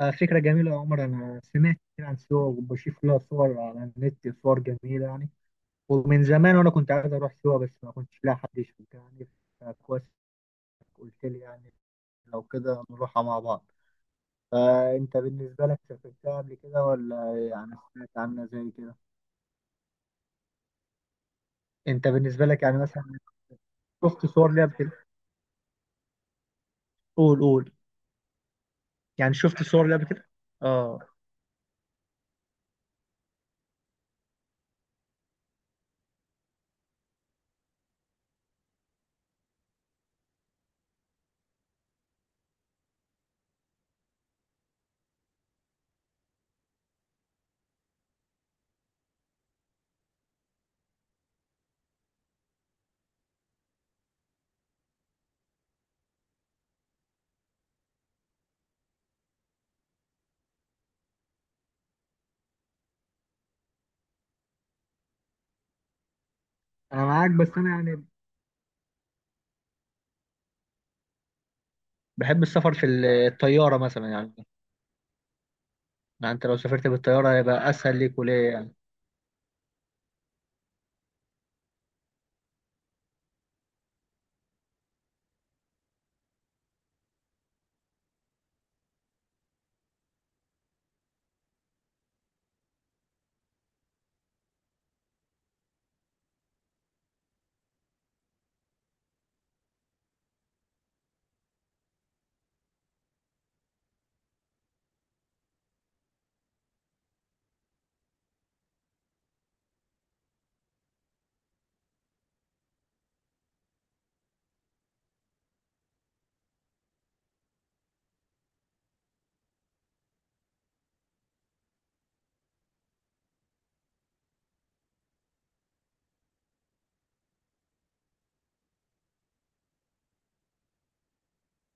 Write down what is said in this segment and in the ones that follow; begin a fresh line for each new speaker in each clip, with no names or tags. فكرة جميلة يا عمر. أنا سمعت كتير عن سيوة وبشوف لها صور على النت، صور جميلة يعني. ومن زمان وأنا كنت عايز أروح سيوة بس ما كنتش لاقي حد يشوفها يعني، فكويس إنك قلت لي يعني. لو كده نروحها مع بعض. فأنت بالنسبة لك سافرتها قبل كده ولا يعني سمعت عنها زي كده؟ أنت بالنسبة لك يعني مثلا شفت صور ليها قبل كده؟ قول. يعني شفت صور ليها قبل كده؟ آه. أنا معاك بس أنا يعني بحب السفر في الطيارة مثلا يعني. ما انت لو سافرت بالطياره هيبقى اسهل ليك وليه يعني.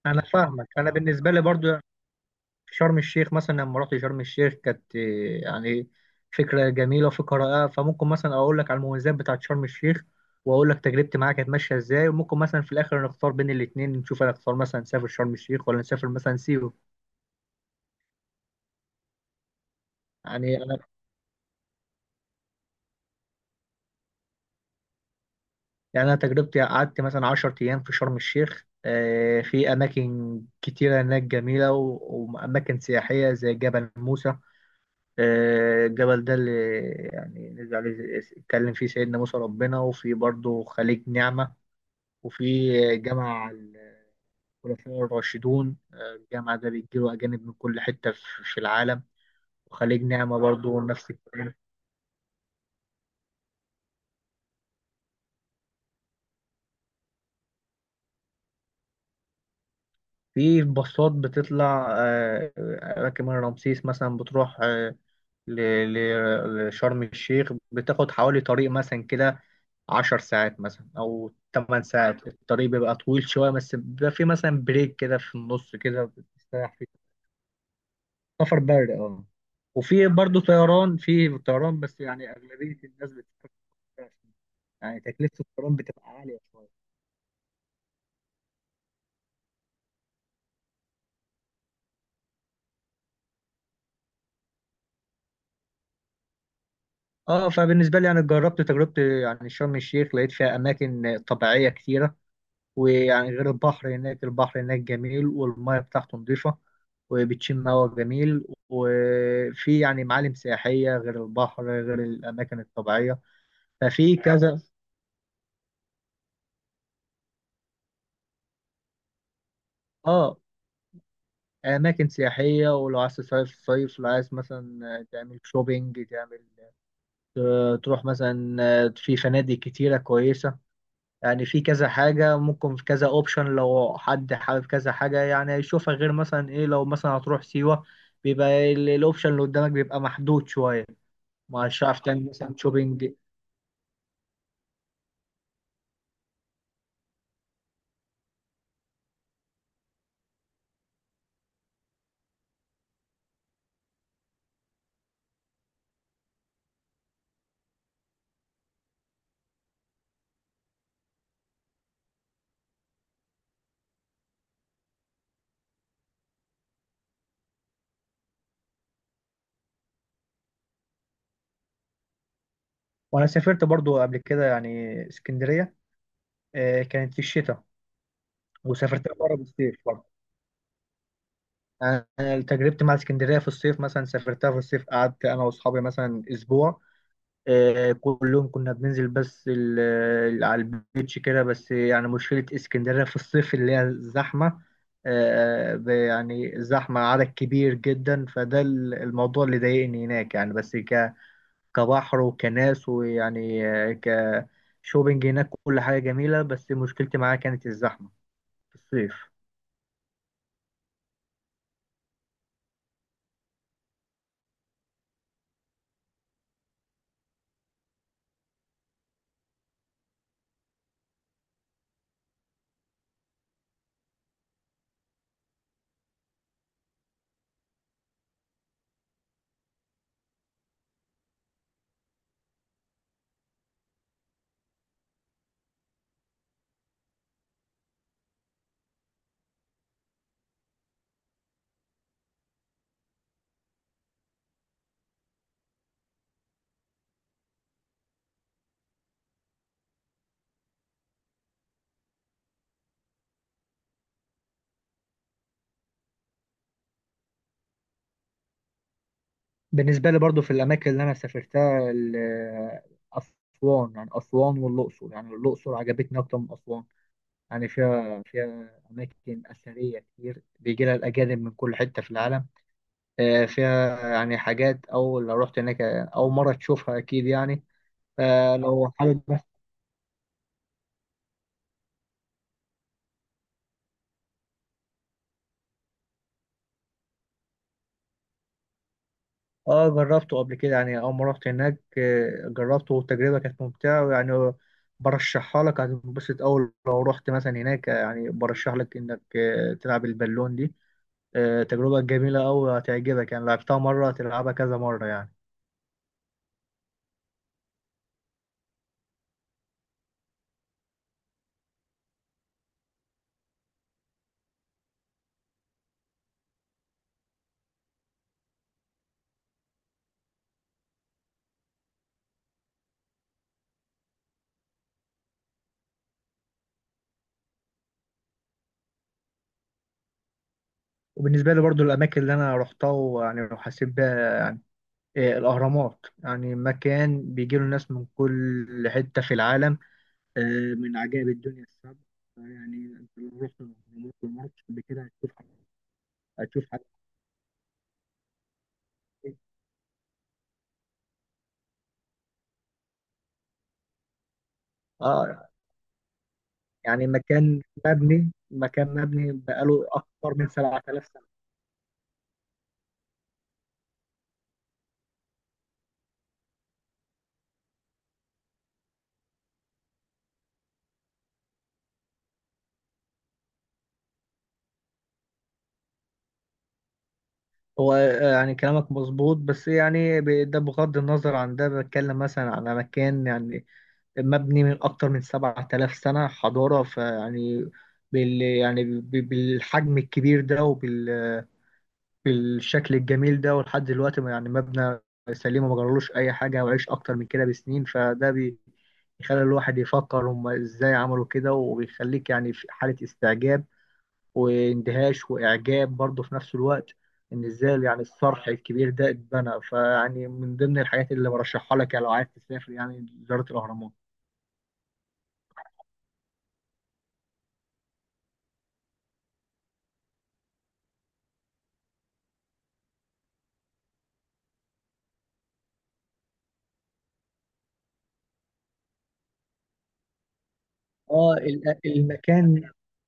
انا فاهمك. انا بالنسبه لي برضو في شرم الشيخ مثلا، لما رحت شرم الشيخ كانت إيه يعني، فكره جميله وفكره. فممكن مثلا اقول لك على المميزات بتاعت شرم الشيخ، واقول لك تجربتي معاها كانت ماشيه ازاي، وممكن مثلا في الاخر نختار بين الاثنين، نشوف انا اختار مثلا نسافر شرم الشيخ ولا نسافر مثلا سيوه. يعني انا يعني انا تجربتي قعدت مثلا 10 ايام في شرم الشيخ. في اماكن كتيره هناك جميله واماكن سياحيه زي جبل موسى. الجبل ده اللي يعني نزل عليه، اتكلم فيه سيدنا موسى ربنا، وفي برضه خليج نعمة، وفي جامع الخلفاء الراشدون. الجامع ده بيجيله أجانب من كل حتة في العالم. وخليج نعمة برضه نفس الكلام. في باصات بتطلع أماكن من رمسيس مثلا، بتروح لشرم الشيخ، بتاخد حوالي طريق مثلا كده عشر ساعات مثلا أو تمن ساعات. الطريق بيبقى طويل شوية بس بيبقى فيه مثلا بريك كده في النص كده بتستريح فيه. سفر بري، اه. وفي برضه طيران، في طيران، بس يعني أغلبية الناس بتسافر بالطيران. يعني تكلفة الطيران بتبقى عالية شوية. اه، فبالنسبة لي يعني جربت تجربة يعني شرم الشيخ، لقيت فيها أماكن طبيعية كتيرة. ويعني غير البحر، هناك البحر هناك جميل والمياه بتاعته نضيفة، وبتشم هوا جميل، وفي يعني معالم سياحية غير البحر غير الأماكن الطبيعية. ففي كذا آه أماكن سياحية. ولو عايز تصيف صيف، لو عايز مثلا تعمل شوبينج، تعمل تروح مثلا، في فنادق كتيرة كويسة. يعني في كذا حاجة ممكن، في كذا اوبشن لو حد حابب كذا حاجة يعني يشوفها، غير مثلا ايه لو مثلا هتروح سيوة بيبقى الاوبشن اللي قدامك بيبقى محدود شوية، مش هتعرف تعمل مثلا شوبينج. وانا سافرت برضو قبل كده يعني اسكندرية. كانت في الشتاء. وسافرتها مرة بالصيف برضو. يعني أنا تجربتي مع اسكندرية في الصيف، مثلا سافرتها في الصيف، قعدت انا واصحابي مثلا اسبوع. كلهم كنا بننزل بس على البيتش كده بس. يعني مشكلة اسكندرية في الصيف اللي هي الزحمة. يعني زحمة عدد كبير جدا، فده الموضوع اللي ضايقني هناك يعني. بس كبحر وكناس ويعني كشوبينج، هناك كل حاجة جميلة بس مشكلتي معاها كانت الزحمة في الصيف. بالنسبة لي برضو في الأماكن اللي أنا سافرتها، أسوان. يعني أسوان والأقصر، يعني الأقصر عجبتني أكتر من أسوان. يعني فيها أماكن أثرية كتير بيجي لها الأجانب من كل حتة في العالم. فيها يعني حاجات أول لو رحت هناك أول مرة تشوفها أكيد يعني، فلو حابب بس. اه جربته قبل كده يعني. أول ما رحت هناك جربته والتجربة كانت ممتعة، ويعني برشحها لك، هتنبسط أول لو رحت مثلا هناك. يعني برشح لك إنك تلعب البالون دي. تجربة جميلة أوي، هتعجبك يعني، لعبتها مرة هتلعبها كذا مرة يعني. وبالنسبة لي برضو الأماكن اللي أنا روحتها ويعني وحسيت بيها، الأهرامات. يعني مكان بيجي له ناس من كل حتة في العالم. من عجائب الدنيا السبع. يعني انت لو رحت الأهرامات ومرت قبل كده هتشوف، هتشوف حاجات كتير. اه يعني مكان مبني بقاله أكتر من 7000 سنة. هو آه، يعني كلامك مظبوط بس يعني ده بغض النظر عن ده، بتكلم مثلا على مكان يعني مبني من أكتر من 7000 سنة حضارة، فيعني بالحجم الكبير ده بالشكل الجميل ده، ولحد دلوقتي يعني مبنى سليم وما جرالوش اي حاجه وعيش اكتر من كده بسنين. بيخلي الواحد يفكر، هم ازاي عملوا كده؟ وبيخليك يعني في حاله استعجاب واندهاش واعجاب برضه في نفس الوقت، ان ازاي يعني الصرح الكبير ده اتبنى. فيعني من ضمن الحاجات اللي برشحها لك يعني لو عايز تسافر يعني زياره الاهرامات. اه المكان،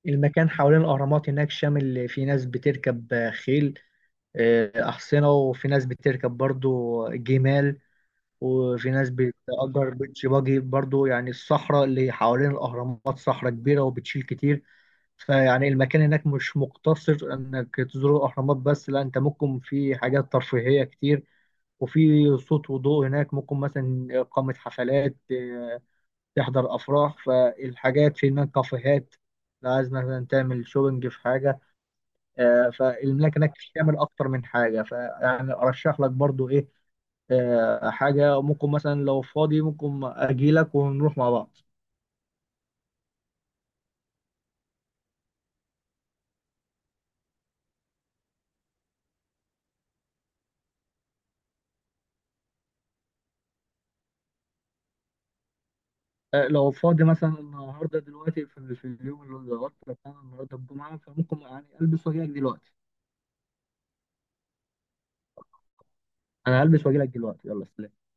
المكان حوالين الاهرامات هناك، شامل في ناس بتركب خيل، أحصنة، وفي ناس بتركب برضو جمال، وفي ناس بتأجر بيتش باجي برضو. يعني الصحراء اللي حوالين الأهرامات صحراء كبيرة وبتشيل كتير. فيعني المكان هناك مش مقتصر إنك تزور الأهرامات بس، لا، أنت ممكن في حاجات ترفيهية كتير. وفي صوت وضوء هناك، ممكن مثلا إقامة حفلات، تحضر أفراح، فالحاجات في هناك كافيهات لو عايز مثلا تعمل شوبنج في حاجة. فالملاك هناك بتشمل اكتر من حاجه، فيعني ارشح لك برضو ايه، حاجه ممكن مثلا لو فاضي ممكن اجي لك ونروح مع بعض. لو فاضي مثلا النهارده دلوقتي، في اليوم اللي ظبطت لك، انا النهارده الجمعه فممكن يعني البس واجي لك دلوقتي. انا هلبس واجي لك دلوقتي، يلا سلام.